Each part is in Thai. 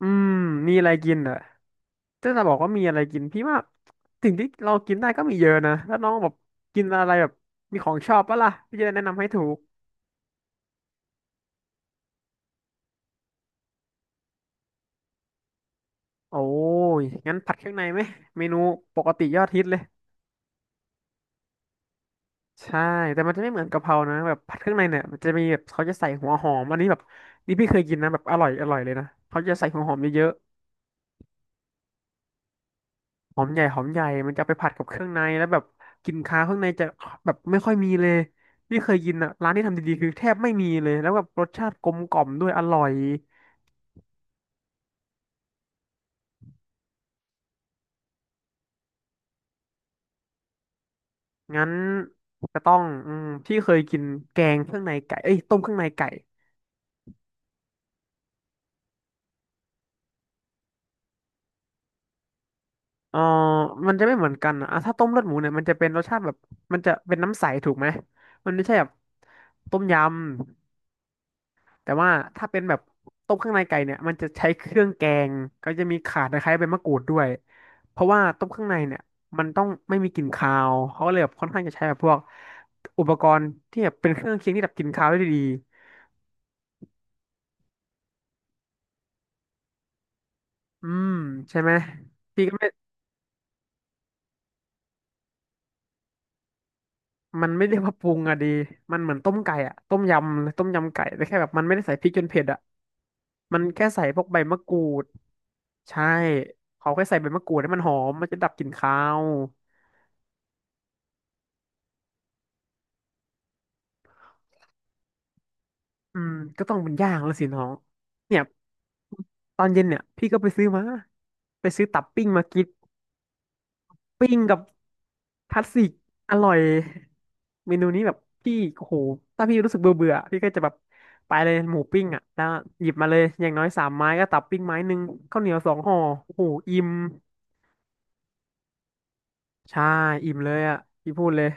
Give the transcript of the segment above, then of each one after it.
อืมมีอะไรกินเหรอถ้าจะบอกว่ามีอะไรกินพี่ว่าสิ่งที่เรากินได้ก็มีเยอะนะแล้วน้องแบบกินอะไรแบบมีของชอบปะล่ะพี่จะได้แนะนำให้ถูกโอ้ยงั้นผัดเครื่องในไหมเมนูปกติยอดฮิตเลยใช่แต่มันจะไม่เหมือนกะเพรานะแบบผัดเครื่องในเนี่ยมันจะมีแบบเขาจะใส่หัวหอมอันนี้แบบนี่พี่เคยกินนะแบบอร่อยอร่อยเลยนะเขาจะใส่หัวหอมเยอะ หอมใหญ่หอมใหญ่มันจะเอาไปผัดกับเครื่องในแล้วแบบกลิ่นคาวเครื่องในจะแบบไม่ค่อยมีเลยนี่เคยกินอ่ะร้านที่ทำดีๆคือแทบไม่มีเลยแล้วแบบรสชาติกลมกล่อมด้วยอร่อยงั้นก็ต้องอืมที่เคยกินแกงเครื่องในไก่เอ้ยต้มเครื่องในไก่เออมันจะไม่เหมือนกันอะอ่ะถ้าต้มเลือดหมูเนี่ยมันจะเป็นรสชาติแบบมันจะเป็นน้ำใสถูกไหมมันไม่ใช่แบบต้มยำ แต่ว่าถ้าเป็นแบบต้มข้างในไก่เนี่ยมันจะใช้เครื่องแกงก็จะมีข่าตะไคร้ใบมะกรูดด้วยเพราะว่าต้มข้างในเนี่ยมันต้องไม่มีกลิ่นคาวเขาก็เลยแบบค่อนข้างจะใช้แบบพวกอุปกรณ์ที่แบบเป็นเครื่องเคียงที่ดับกลิ่นคาวได้ดีอืมใช่ไหมพี่ก็ไม่มันไม่เรียกว่าปรุงอะดีมันเหมือนต้มไก่อะต้มยำต้มยำไก่แต่แค่แบบมันไม่ได้ใส่พริกจนเผ็ดอะมันแค่ใส่พวกใบมะกรูดใช่เขาแค่ใส่ใบมะกรูดให้มันหอมมันจะดับกลิ่นคาว อืมก็ต้องเป็นย่างแล้วสิน้องเนี่ยตอนเย็นเนี่ยพี่ก็ไปซื้อมาไปซื้อตับปิ้งมากินปิ้งกับคัตสึอร่อยเมนูนี้แบบพี่โอ้โหถ้าพี่รู้สึกเบื่อเบื่อพี่ก็จะแบบไปเลยหมูปิ้งอ่ะแล้วหยิบมาเลยอย่างน้อย3 ไม้ก็ตับปิ้งไม้ 1ข้าวเหนียว2 ห่อโอ้โหอิ่มใช่อิ่มเลยอ่ะพี่พูดเลย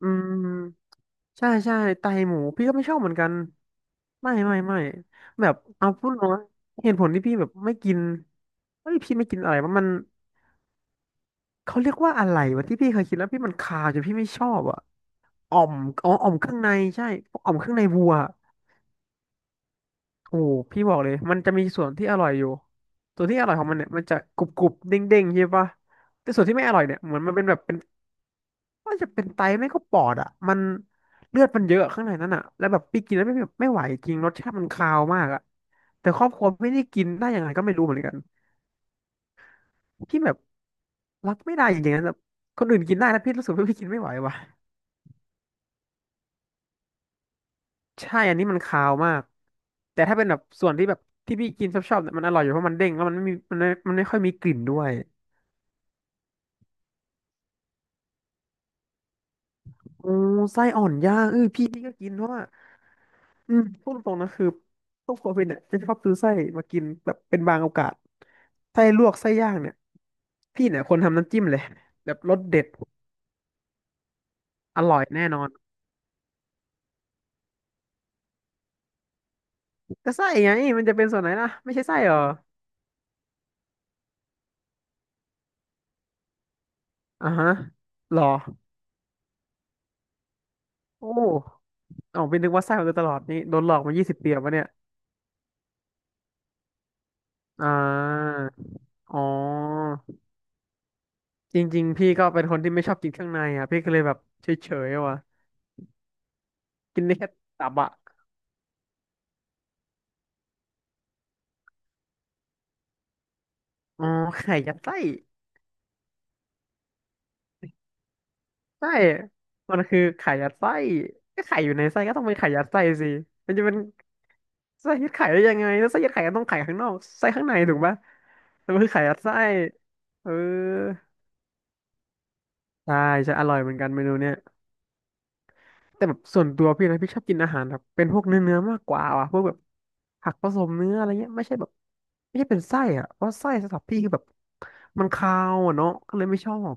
อืม ใช่ใช่ไตหมูพี่ก็ไม่ชอบเหมือนกันไม่ไม่ไม่แบบเอาพูดตรงนะเหตุผลที่พี่แบบไม่กินเฮ้ยพี่ไม่กินอะไรว่ามันเขาเรียกว่าอะไรวะที่พี่เคยกินแล้วพี่มันคาวจนพี่ไม่ชอบอ่ะอ่อมอ๋ออ่อมเครื่องในใช่พวกอ่อมเครื่องในวัวโอ้โหพี่บอกเลยมันจะมีส่วนที่อร่อยอยู่ส่วนที่อร่อยของมันเนี่ยมันจะกรุบกรุบเด้งเด้งใช่ปะแต่ส่วนที่ไม่อร่อยเนี่ยเหมือนมันเป็นแบบเป็น ว่าจะเป็นไตไม่ก็ปอดอ่ะมันเลือดมันเยอะข้างในนั้นอ่ะแล้วแบบพี่กินแล้วไม่ไหวจริงรสชาติมันคาวมากอ่ะแต่ครอบครัวไม่ได้กินได้ยังไงก็ไม่รู้เหมือนกันพี่แบบรับไม่ได้จริงๆนะแบบคนอื่นกินได้แล้วพี่รู้สึกว่าพี่กินไม่ไหวว่ะใช่อันนี้มันคาวมากแต่ถ้าเป็นแบบส่วนที่แบบที่พี่กินชอบชอบเนี่ยมันอร่อยอยู่เพราะมันเด้งแล้วมันไม่ค่อยมีกลิ่นด้วยโอ้ไส้อ่อนย่างเออพี่พี่ก็กินเพราะว่า อืมพูดตรงๆนะคือพวกครัวเป็นเนี่ยจะชอบซื้อไส้มากินแบบเป็นบางโอกาสไส้ลวกไส้ย่างเนี่ยพี่เนี่ยคนทำน้ำจิ้มเลยแบบรสเด็ดอร่อยแน่นอนแต่ไส้ไงมันจะเป็นส่วนไหนล่ะไม่ใช่ไส้เหรออ่าฮะหรอโอ้อ๋อเป็นนึกว่าไส้มาโดยตลอดนี่โดนหลอกมา20 ปีแล้ววะเนี่ยอ่าอ๋อจริงๆพี่ก็เป็นคนที่ไม่ชอบกินเครื่องในอ่ะพี่ก็เลยแบบเฉยๆอะว่ะกินได้แค่ตับอะอ๋อไข่ยัดไส้ ใช่มันคือไข่ยัดไส้ก็ไข่อยู่ในไส้ก็ต้องเป็นไข่ยัดไส้สิ มันจะเป็นไส้ยัดไข่ได้ยังไงแล้วไส้ยัดไข่ก็ต้องไข่ข้างนอกไส้ข้างในถูกปะแต่มันคือไข่ยัดไส้เออใช่จะอร่อยเหมือนกันเมนูเนี้ยแต่แบบส่วนตัวพี่นะพี่ชอบกินอาหารแบบเป็นพวกเนื้อเนื้อมากกว่าว่ะพวกแบบผักผสมเนื้ออะไรเงี้ยไม่ใช่แบบไม่ใช่เป็นไส้อะเพราะไส้สำหรับพี่คือแบบมันคาวอะเนาะก็เลยไม่ชอบ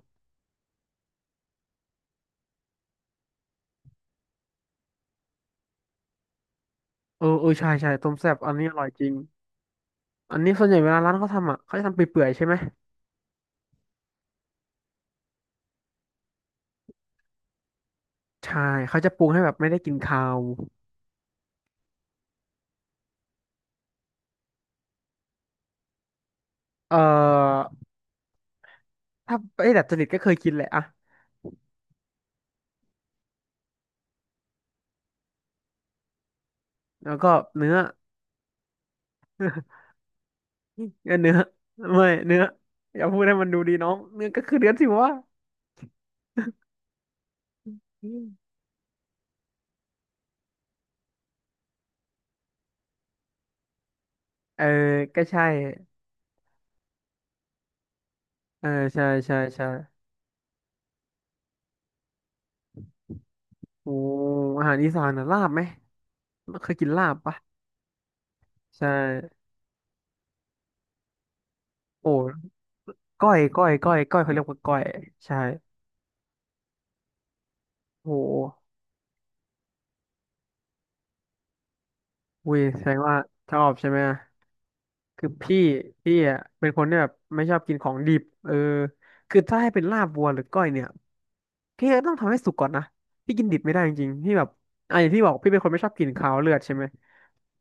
เออเออใช่ใช่ต้มแซ่บอันนี้อร่อยจริงอันนี้ส่วนใหญ่เวลาร้านเขาทำอ่ะเขาจะทำเปื่อยๆใช่ไหม ใช่เขาจะปรุงให้แบบไม่ได้กินคาวเอ่อถ้าไอ้ดัดจริตก็เคยกินแหละอะแล้วก็เนื้อเนื้อไม่เนื้ออย่าพูดให้มันดูดีน้องเนื้อก็คือเนื้อสิวะอืมเออก็ใช่เออใช่ใช่ใช่โอ้อาหารอีสานนะลาบไหมเคยกินลาบปะใช่โอ้ก้อยเขาเรียกว่าก้อยใช่โอ้อุ้ยแสดงว่าชอบใช่ไหม คือพี่อ่ะเป็นคนที่แบบไม่ชอบกินของดิบเออคือถ้าให้เป็นลาบวัวหรือก้อยเนี่ยพี่ก็ต้องทำให้สุกก่อนนะพี่กินดิบไม่ได้จริงๆพี่แบบอ่ะอย่างที่บอกพี่เป็นคนไม่ชอบกินคาวเลือดใช่ไหม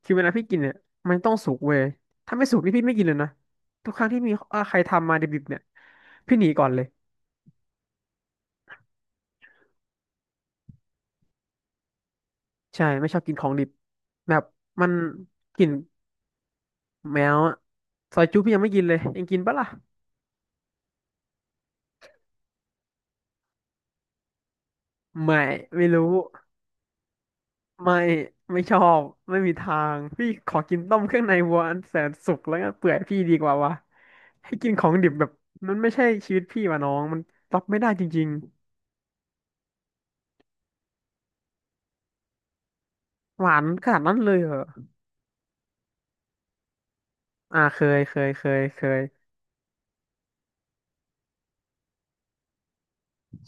คือเวลาพี่กินเนี่ยมันต้องสุกเว้ยถ้าไม่สุกนี่พี่ไม่กินเลยนะทุกครั้งที่มีอ่ะใครทำมาดิบๆเนี่ยพี่หนีก่อนเลยใช่ไม่ชอบกินของดิบแบบมันกลิ่นแมวอะซอยจุ๊พี่ยังไม่กินเลยยังกินปะล่ะไม่ไม่รู้ ไม่ไม่ชอบไม่มีทางพี่ขอกินต้มเครื่องในวัวอันแสนสุกแล้วก็เปื่อยพี่ดีกว่าวะให้กินของดิบแบบมันไม่ใช่ชีวิตพี่ว่ะน้องมันรับไม่ได้จริงๆหวานขนาดนั้นเลยเหรออ่าเคย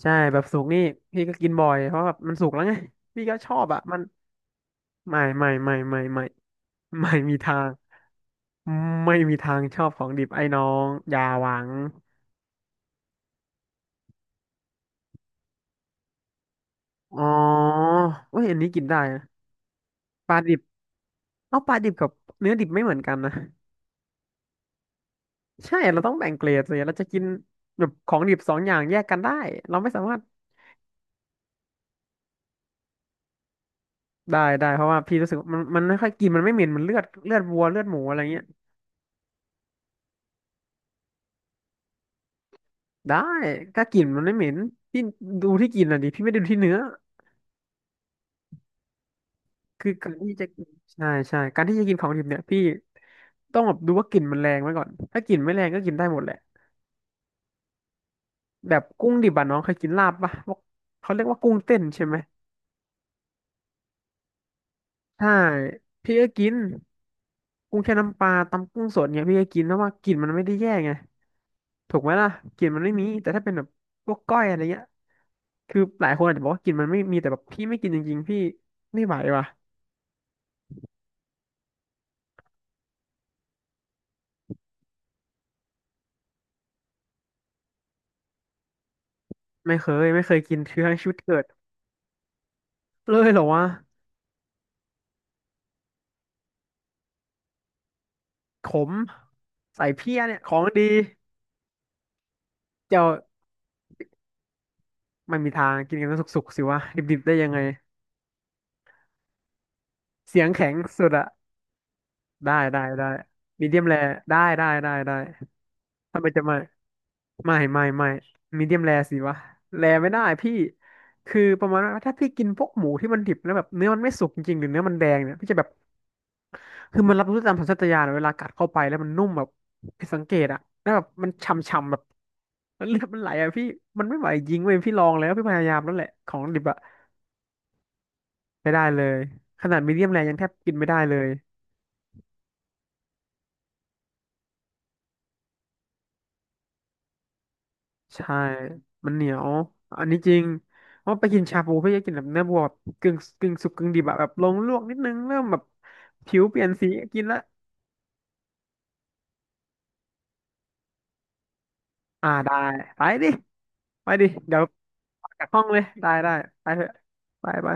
ใช่แบบสุกนี่พี่ก็กินบ่อยเพราะแบบมันสุกแล้วไงพี่ก็ชอบอ่ะมันไม่ไม่มีทางไม่มีทางชอบของดิบไอ้น้องอย่าหวังอ๋อเอ้ยอันนี้กินได้นะปลาดิบ เอาปลาดิบกับเนื้อดิบไม่เหมือนกันนะใช่เราต้องแบ่งเกรดเลยเราจะกินแบบของดิบสองอย่างแยกกันได้เราไม่สามารถได้ได้เพราะว่าพี่รู้สึกว่ามันไม่ค่อยกินมันไม่เหม็นมันเลือดเลือดวัวเลือดหมูอะไรเงี้ยได้ถ้ากลิ่นมันไม่เหม็นพี่ดูที่กลินอ่ะดิพี่ไม่ได้ดูที่เนื้อคือการที่จะใช่ใช่การที่จะกินของดิบเนี่ยพี่ต้องแบบดูว่ากลิ่นมันแรงไว้ก่อนถ้ากลิ่นไม่แรงก็กินได้หมดแหละแบบกุ้งดิบอะน้องเคยกินลาบปะพวกเขาเรียกว่ากุ้งเต้นใช่ไหมใช่พี่ก็กิน กุ้งแช่น้ำปลาตำกุ้งสดเนี่ยพี่ก็กินเพราะว่ากลิ่นมันไม่ได้แย่ไงถูกไหมล่ะกลิ่นมันไม่มีแต่ถ้าเป็นแบบพวกก้อยอะไรเงี้ยคือหลายคนอาจจะบอกว่ากลิ่นมันไม่มีแต่แบบพี่ไม่กินจริงๆพี่ไม่ไหวว่ะไม่เคยไม่เคยกินคือทั้งชีวิตเกิดเลยเหรอวะขมใส่เพี้ยเนี่ยของดีเจ้าไม่มีทางกินกันสุกๆสิวะดิบๆได้ยังไงเสียงแข็งสุดอะได้ได้ได้มีเดียมแรได้ได้ได้ได้ทำไมจะไม่ ไม่มีเดียมแรสิวะแรไม่ได้พี่คือประมาณว่าถ้าพี่กินพวกหมูที่มันดิบแล้วแบบเนื้อมันไม่สุกจริงๆหรือเนื้อมันแดงเนี่ยพี่จะแบบคือมันรับรู้ตามสัญชาตญาณเวลากัดเข้าไปแล้วมันนุ่มแบบผิดสังเกตอะแล้วแบบมันฉ่ำๆแบบเลือดมันไหลอะพี่มันไม่ไหวจริงเว้ยพี่ลองแล้วพี่พยายามแล้วแหละของดิบอะไม่ได้เลยขนาดมีเดียมแรยังแทบกินไม่ได้เลย ใช่ มันเหนียว อันนี้จริงเพราะไปกินชาบูพี่จะกินแบบเนื้อวัวแบบกึ่งสุกกึ่งดิบอะแบบลงลวกนิดนึงเริ่มแบบผิวเปลี่ยนสีกินละอ่าได้ไปดิไปดิเดี๋ยวออกจากห้องเลยได้ได้ไปเถอะไปไป